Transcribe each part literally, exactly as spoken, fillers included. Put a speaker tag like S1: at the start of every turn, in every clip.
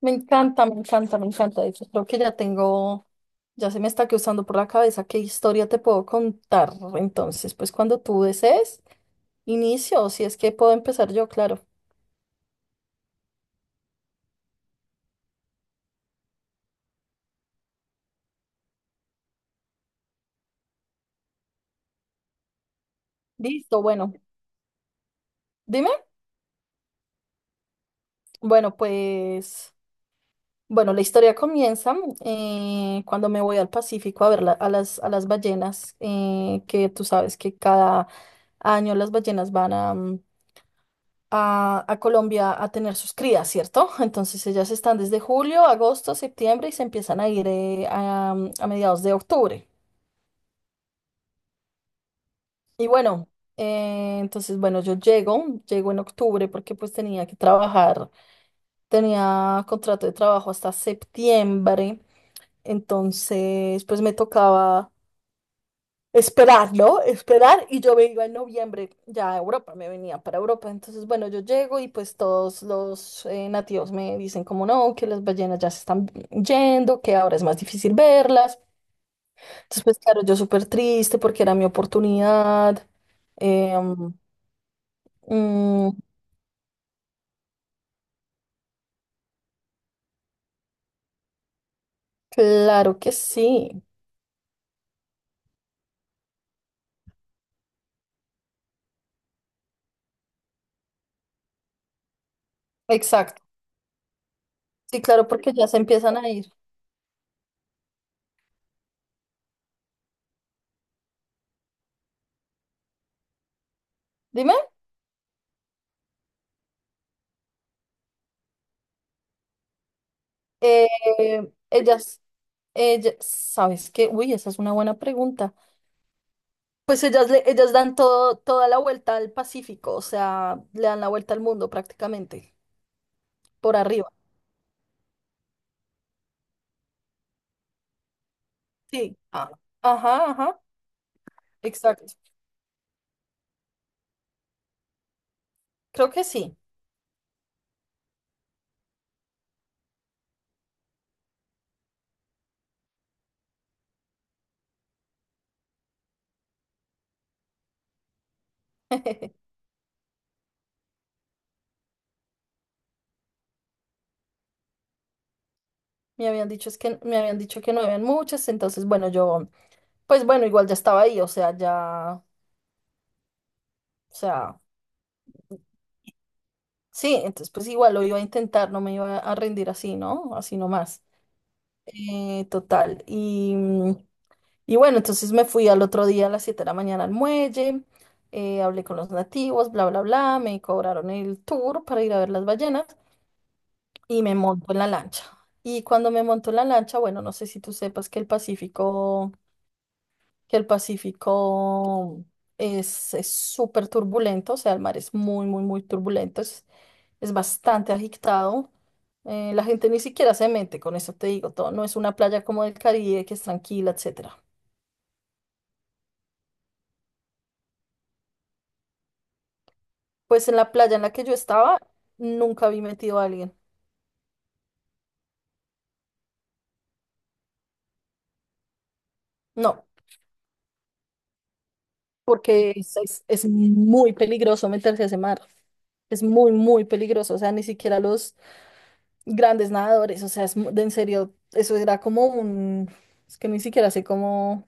S1: Me encanta, me encanta, me encanta. De hecho, creo que ya tengo, ya se me está cruzando por la cabeza qué historia te puedo contar. Entonces, pues cuando tú desees, inicio, si es que puedo empezar yo, claro. Listo, bueno, dime. Bueno, pues, bueno, la historia comienza eh, cuando me voy al Pacífico a ver la- a las, a las ballenas, eh, que tú sabes que cada año las ballenas van a, a, a Colombia a tener sus crías, ¿cierto? Entonces ellas están desde julio, agosto, septiembre y se empiezan a ir eh, a, a mediados de octubre. Y bueno, eh, entonces bueno, yo llego, llego en octubre porque pues tenía que trabajar, tenía contrato de trabajo hasta septiembre, entonces pues me tocaba esperarlo, esperar, y yo me iba en noviembre ya a Europa, me venía para Europa. Entonces, bueno, yo llego y pues todos los eh, nativos me dicen como no, que las ballenas ya se están yendo, que ahora es más difícil verlas. Entonces, pues claro, yo súper triste porque era mi oportunidad. Em, mm, claro que sí, exacto. Sí, claro, porque ya se empiezan a ir. Dime, eh, ellas, ellas, ¿sabes qué? Uy, esa es una buena pregunta. Pues ellas, le- ellas dan todo, toda la vuelta al Pacífico, o sea, le dan la vuelta al mundo prácticamente, por arriba. Sí. Ah, ajá, ajá, exacto. Creo que sí. Me habían dicho, es que, me habían dicho que no habían muchas, entonces, bueno, yo, pues bueno, igual ya estaba ahí, o sea, ya, o sea, sí, entonces pues igual lo iba a intentar, no me iba a rendir así, ¿no? Así nomás. Eh, total, y... mm, y bueno, entonces me fui al otro día a las siete de la mañana al muelle, eh, hablé con los nativos, bla, bla, bla, me cobraron el tour para ir a ver las ballenas y me monto en la lancha. Y cuando me monto en la lancha, bueno, no sé si tú sepas que el Pacífico, que el Pacífico es es súper turbulento, o sea, el mar es muy, muy, muy turbulento, es, es bastante agitado. Eh, la gente ni siquiera se mete, con eso te digo todo, no es una playa como del Caribe que es tranquila, etcétera. Pues en la playa en la que yo estaba, nunca vi metido a alguien. No, porque es, es- es muy peligroso meterse a ese mar. Es muy, muy peligroso. O sea, ni siquiera los grandes nadadores. O sea, es, mu- de en serio, eso era como un... Es que ni siquiera sé cómo...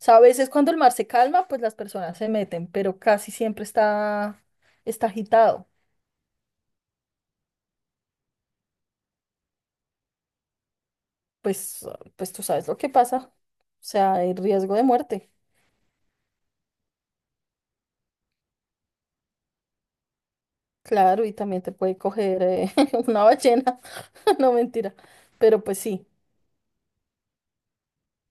S1: O sea, a veces cuando el mar se calma, pues las personas se meten, pero casi siempre está, está agitado. Pues, pues tú sabes lo que pasa. O sea, hay riesgo de muerte. Claro, y también te puede coger eh, una ballena. No, mentira. Pero pues sí,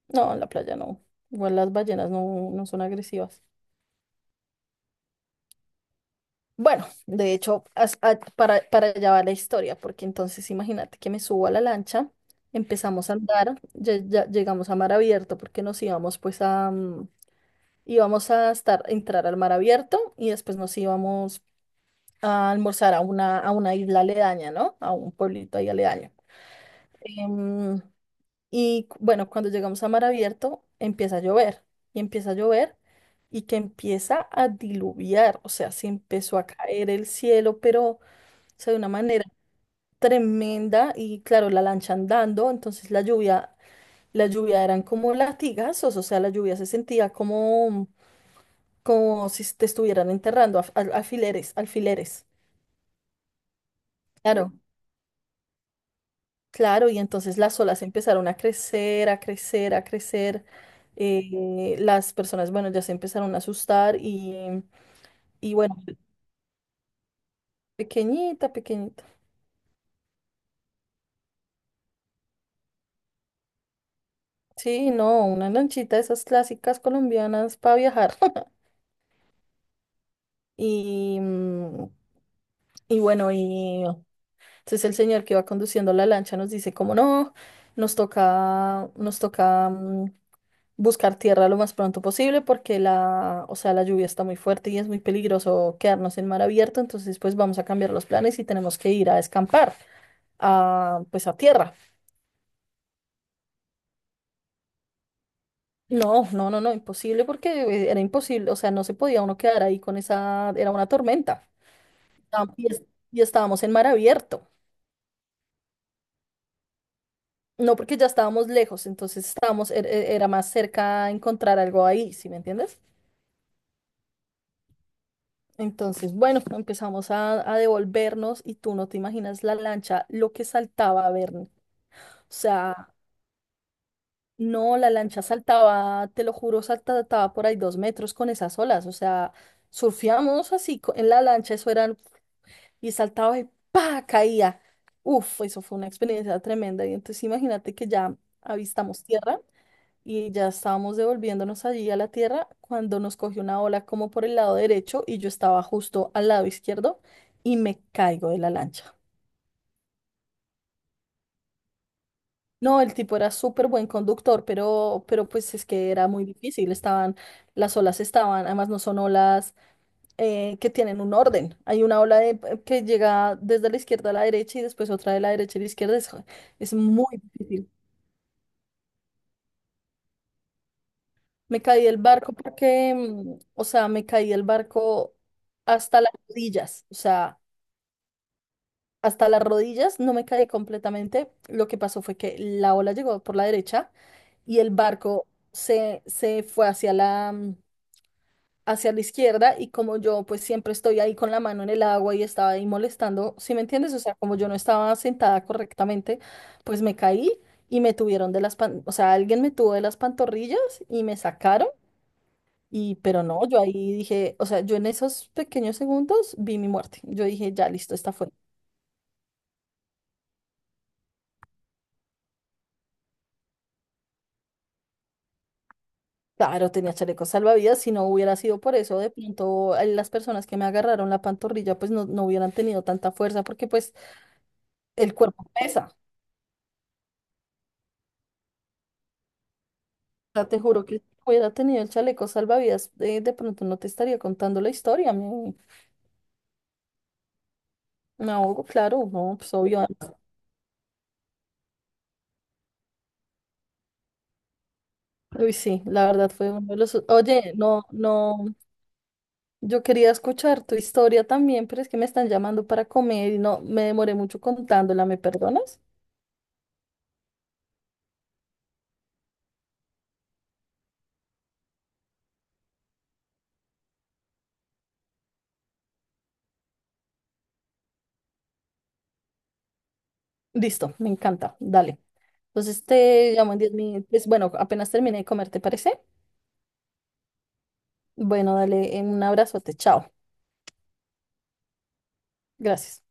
S1: no, en la playa no. Igual las ballenas no, no son agresivas. Bueno, de hecho, as- a- para, para allá va la historia, porque entonces imagínate que me subo a la lancha, empezamos a andar, ya, ya llegamos a mar abierto, porque nos íbamos pues a, mm, íbamos a estar, entrar al mar abierto y después nos íbamos a almorzar a una, a una isla aledaña, ¿no? A un pueblito ahí aledaño. Em, Y cu- bueno, cuando llegamos a mar abierto, empieza a llover y empieza a llover y que empieza a diluviar, o sea, se empezó a caer el cielo, pero o sea, de una manera tremenda y claro, la lancha andando, entonces la lluvia, la lluvia eran como latigazos, o sea, la lluvia se sentía como, como si te estuvieran enterrando, af- al- alfileres, alfileres. Claro. Claro, y entonces las olas empezaron a crecer, a crecer, a crecer. Eh, las personas, bueno, ya se empezaron a asustar y, y bueno, pequeñita, pequeñita. Sí, no, una lanchita de esas clásicas colombianas para viajar. Y, mm, y bueno, y entonces el señor que va conduciendo la lancha nos dice como no, nos toca, nos toca mm, buscar tierra lo más pronto posible porque la, o sea, la lluvia está muy fuerte y es muy peligroso quedarnos en mar abierto, entonces pues vamos a cambiar los planes y tenemos que ir a escampar, a, pues a tierra. No, no, no, no, imposible porque eh, era imposible, o sea, no se podía uno quedar ahí con esa, era una tormenta. Ah, Y, es- y estábamos en mar abierto, no porque ya estábamos lejos, entonces estábamos, er- er- era más cerca encontrar algo ahí, ¿sí me entiendes? Entonces, bueno, empezamos a, a devolvernos y tú no te imaginas la lancha, lo que saltaba a ver. O sea, no, la lancha saltaba, te lo juro, saltaba por ahí dos metros con esas olas. O sea, surfeamos así co- en la lancha, eso eran, y saltaba y ¡pa! Caía. Uf, eso fue una experiencia tremenda. Y entonces imagínate que ya avistamos tierra y ya estábamos devolviéndonos allí a la tierra cuando nos cogió una ola como por el lado derecho y yo estaba justo al lado izquierdo y me caigo de la lancha. No, el tipo era súper buen conductor, pero, pero pues es que era muy difícil. Estaban, las olas estaban, además no son olas eh, que tienen un orden. Hay una ola de- que llega desde la izquierda a la derecha y después otra de la derecha a la izquierda. Es, es muy difícil. Me caí del barco porque, mm, o sea, me caí del barco hasta las rodillas, o sea, hasta las rodillas no me caí completamente. Lo que pasó fue que la ola llegó por la derecha y el barco se, se fue hacia la, mm, hacia la izquierda y como yo pues siempre estoy ahí con la mano en el agua y estaba ahí molestando, ¿sí me entiendes? O sea, como yo no estaba sentada correctamente, pues me caí y me tuvieron de las, pan- o sea, alguien me tuvo de las pantorrillas y me sacaron. Y, pero no, yo ahí dije, o sea, yo en esos pequeños segundos vi mi muerte. Yo dije, ya listo, esta fue. Claro, tenía chalecos salvavidas, si no hubiera sido por eso, de pronto eh, las personas que me agarraron la pantorrilla, pues no, no hubieran tenido tanta fuerza, porque pues el cuerpo pesa. O sea, te juro que si hubiera tenido el chaleco salvavidas, eh, de pronto no te estaría contando la historia. Me, me ahogo, claro, no, pues obvio. Uy, sí, la verdad fue uno de los. Oye, no, no. Yo quería escuchar tu historia también, pero es que me están llamando para comer y no me demoré mucho contándola, ¿me perdonas? Listo, me encanta, dale. Entonces te llamo en diez minutos. Bueno, apenas terminé de comer, ¿te parece? Bueno, dale, eh, un abrazote, chao. Gracias.